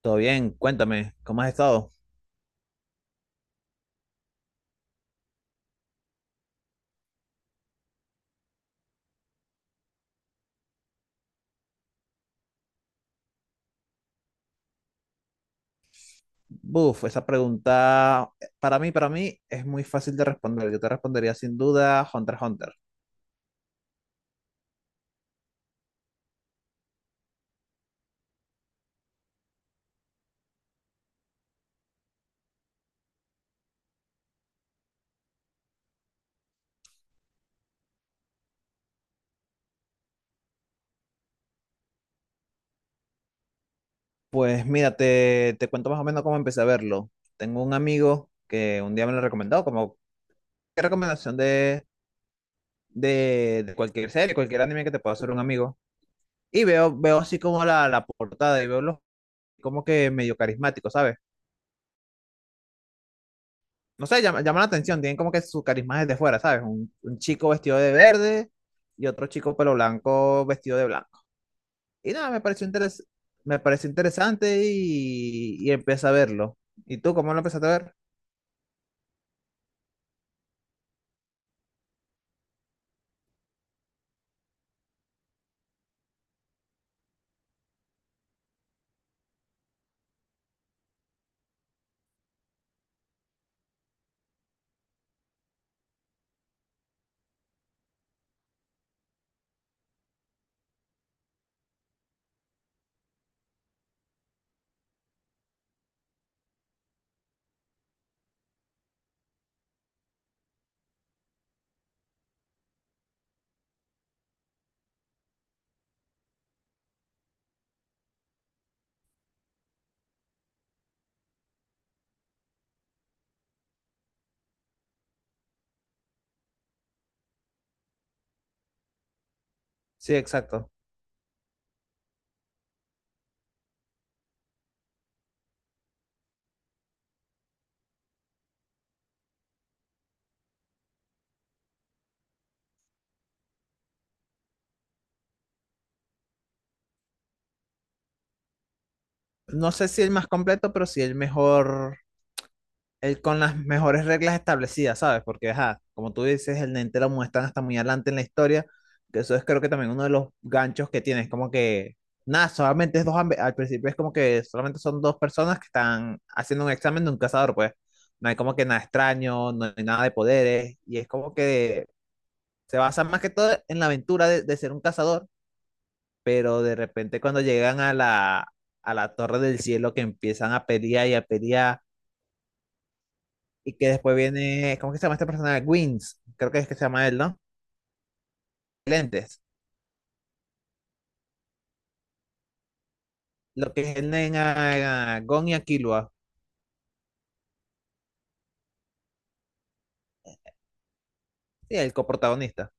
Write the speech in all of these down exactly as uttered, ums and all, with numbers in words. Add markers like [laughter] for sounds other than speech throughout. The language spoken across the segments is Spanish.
Todo bien, cuéntame, ¿cómo has estado? Buf, esa pregunta para mí, para mí es muy fácil de responder. Yo te respondería sin duda Hunter x Hunter. Pues mira, te, te cuento más o menos cómo empecé a verlo. Tengo un amigo que un día me lo recomendó, como qué recomendación de, de, de cualquier serie, cualquier anime que te pueda hacer un amigo. Y veo, veo así como la, la portada y veo los como que medio carismático, ¿sabes? No sé, llama, llama la atención, tienen como que su carisma desde fuera, ¿sabes? Un, un chico vestido de verde y otro chico pelo blanco vestido de blanco. Y nada, me pareció interes- me pareció interesante y, y empecé a verlo. ¿Y tú cómo lo empezaste a ver? Sí, exacto. No sé si el más completo, pero sí el mejor el, con las mejores reglas establecidas, ¿sabes? Porque, ajá, como tú dices, el Nente lo muestran hasta muy adelante en la historia, que eso es creo que también uno de los ganchos que tiene, es como que, nada, solamente es dos, ambi- al principio es como que solamente son dos personas que están haciendo un examen de un cazador, pues, no hay como que nada extraño, no hay nada de poderes, y es como que se basa más que todo en la aventura de, de ser un cazador, pero de repente cuando llegan a la, a la Torre del Cielo, que empiezan a pelear y a pelear, y que después viene, ¿cómo que se llama este personaje? Wins, creo que es que se llama él, ¿no? Lentes, lo que es el en a, a Gon y a Killua, sí, el coprotagonista.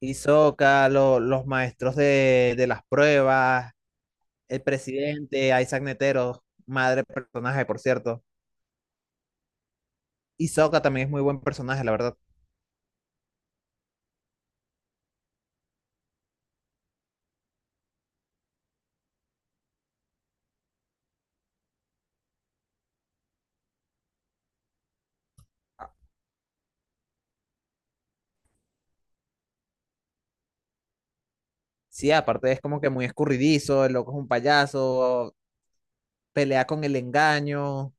Hisoka, lo- los maestros de, de las pruebas, el presidente, Isaac Netero, madre personaje, por cierto. Hisoka también es muy buen personaje, la verdad. Sí, aparte es como que muy escurridizo, el loco es un payaso, pelea con el engaño.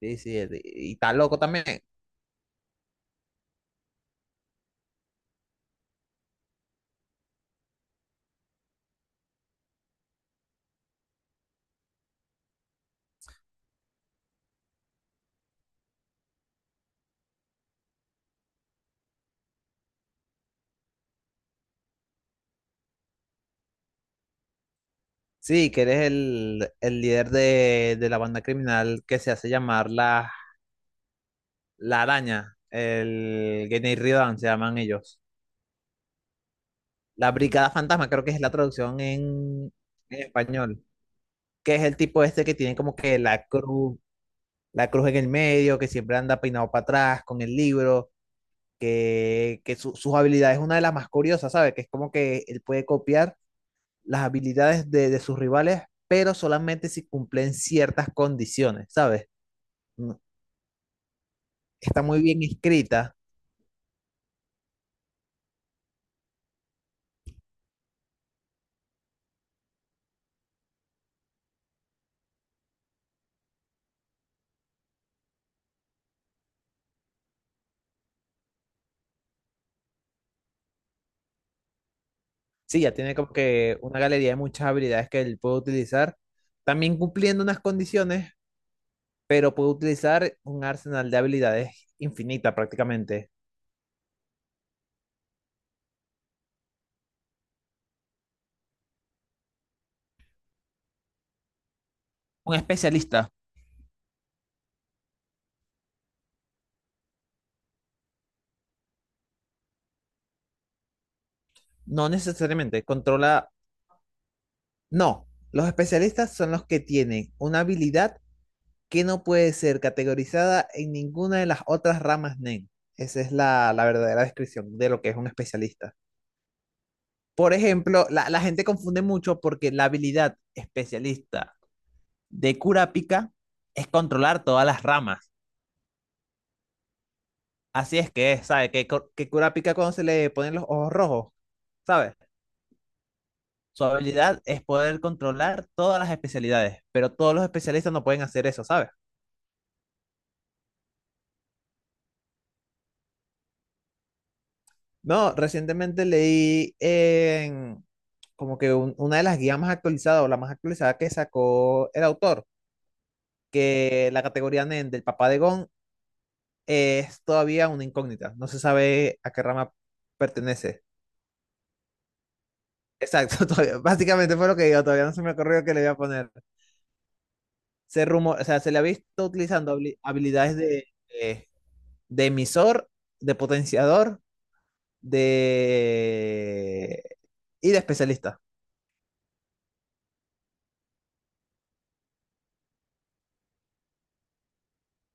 Sí, sí, y está loco también. Sí, que eres el, el líder de, de la banda criminal que se hace llamar la, la Araña, el Gennai Ridan se llaman ellos. La Brigada Fantasma creo que es la traducción en, en español, que es el tipo este que tiene como que la cruz, la cruz en el medio, que siempre anda peinado para atrás con el libro, que, que su- sus habilidades es una de las más curiosas, ¿sabes? Que es como que él puede copiar las habilidades de, de sus rivales, pero solamente si cumplen ciertas condiciones, ¿sabes? Está muy bien escrita. Sí, ya tiene como que una galería de muchas habilidades que él puede utilizar, también cumpliendo unas condiciones, pero puede utilizar un arsenal de habilidades infinita prácticamente. Un especialista. No necesariamente, controla... No, los especialistas son los que tienen una habilidad que no puede ser categorizada en ninguna de las otras ramas N E N. Esa es la, la verdadera descripción de lo que es un especialista. Por ejemplo, la, la gente confunde mucho porque la habilidad especialista de Kurapika es controlar todas las ramas. Así es que, ¿sabes que, Cor- que Kurapika cuando se le ponen los ojos rojos, ¿sabes? Su habilidad es poder controlar todas las especialidades, pero todos los especialistas no pueden hacer eso, ¿sabes? No, recientemente leí en como que un- una de las guías más actualizadas o la más actualizada que sacó el autor, que la categoría Nen del papá de Gon es todavía una incógnita, no se sabe a qué rama pertenece. Exacto, [laughs] todavía- básicamente fue lo que yo, todavía no se me ocurrió que le iba a poner. Se rumor, o sea, se le ha visto utilizando habili- habilidades de, eh, de emisor, de potenciador, de... y de especialista.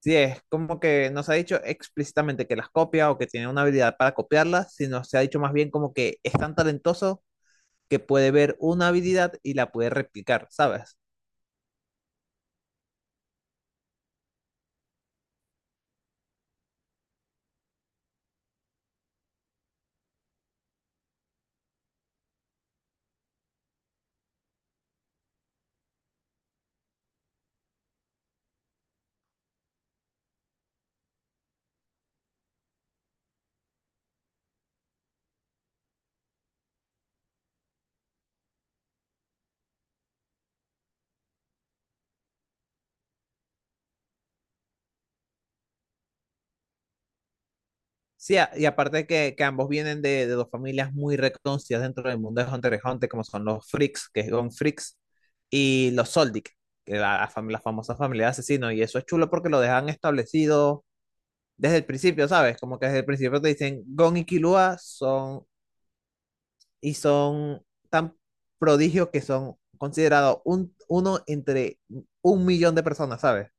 Sí, es como que no se ha dicho explícitamente que las copia o que tiene una habilidad para copiarlas, sino se ha dicho más bien como que es tan talentoso que puede ver una habilidad y la puede replicar, ¿sabes? Sí, a- y aparte que, que ambos vienen de, de dos familias muy reconocidas dentro del mundo de Hunter x Hunter, como son los Freaks, que es Gon Freaks, y los Soldic, que la, la fam- la famosa familia de asesinos. Y eso es chulo porque lo dejan establecido desde el principio, ¿sabes? Como que desde el principio te dicen, Gon y Killua son, y son tan prodigios que son considerados un, uno entre un millón de personas, ¿sabes?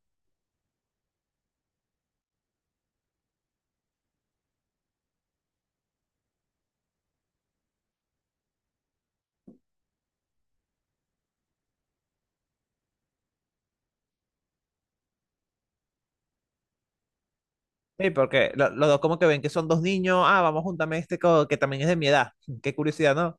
Sí, porque lo- los dos como que ven que son dos niños, ah, vamos, júntame este co- que también es de mi edad. [laughs] Qué curiosidad, ¿no?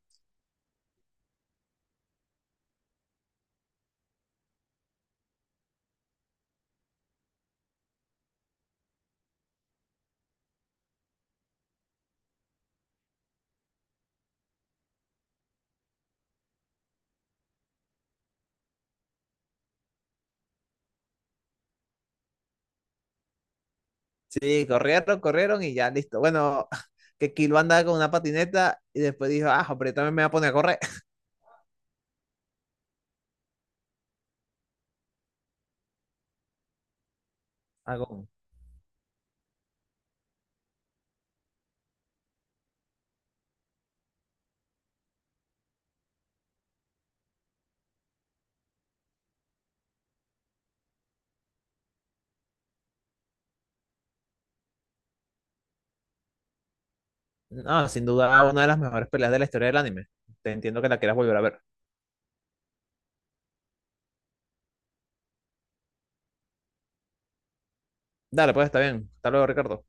Sí, corrieron, corrieron y ya, listo. Bueno, [laughs] que Kilo andaba con una patineta y después dijo, ah, pero yo también me voy a poner a correr. [laughs] Hago, no, sin duda una de las mejores peleas de la historia del anime. Te entiendo que la quieras volver a ver. Dale, pues está bien. Hasta luego, Ricardo.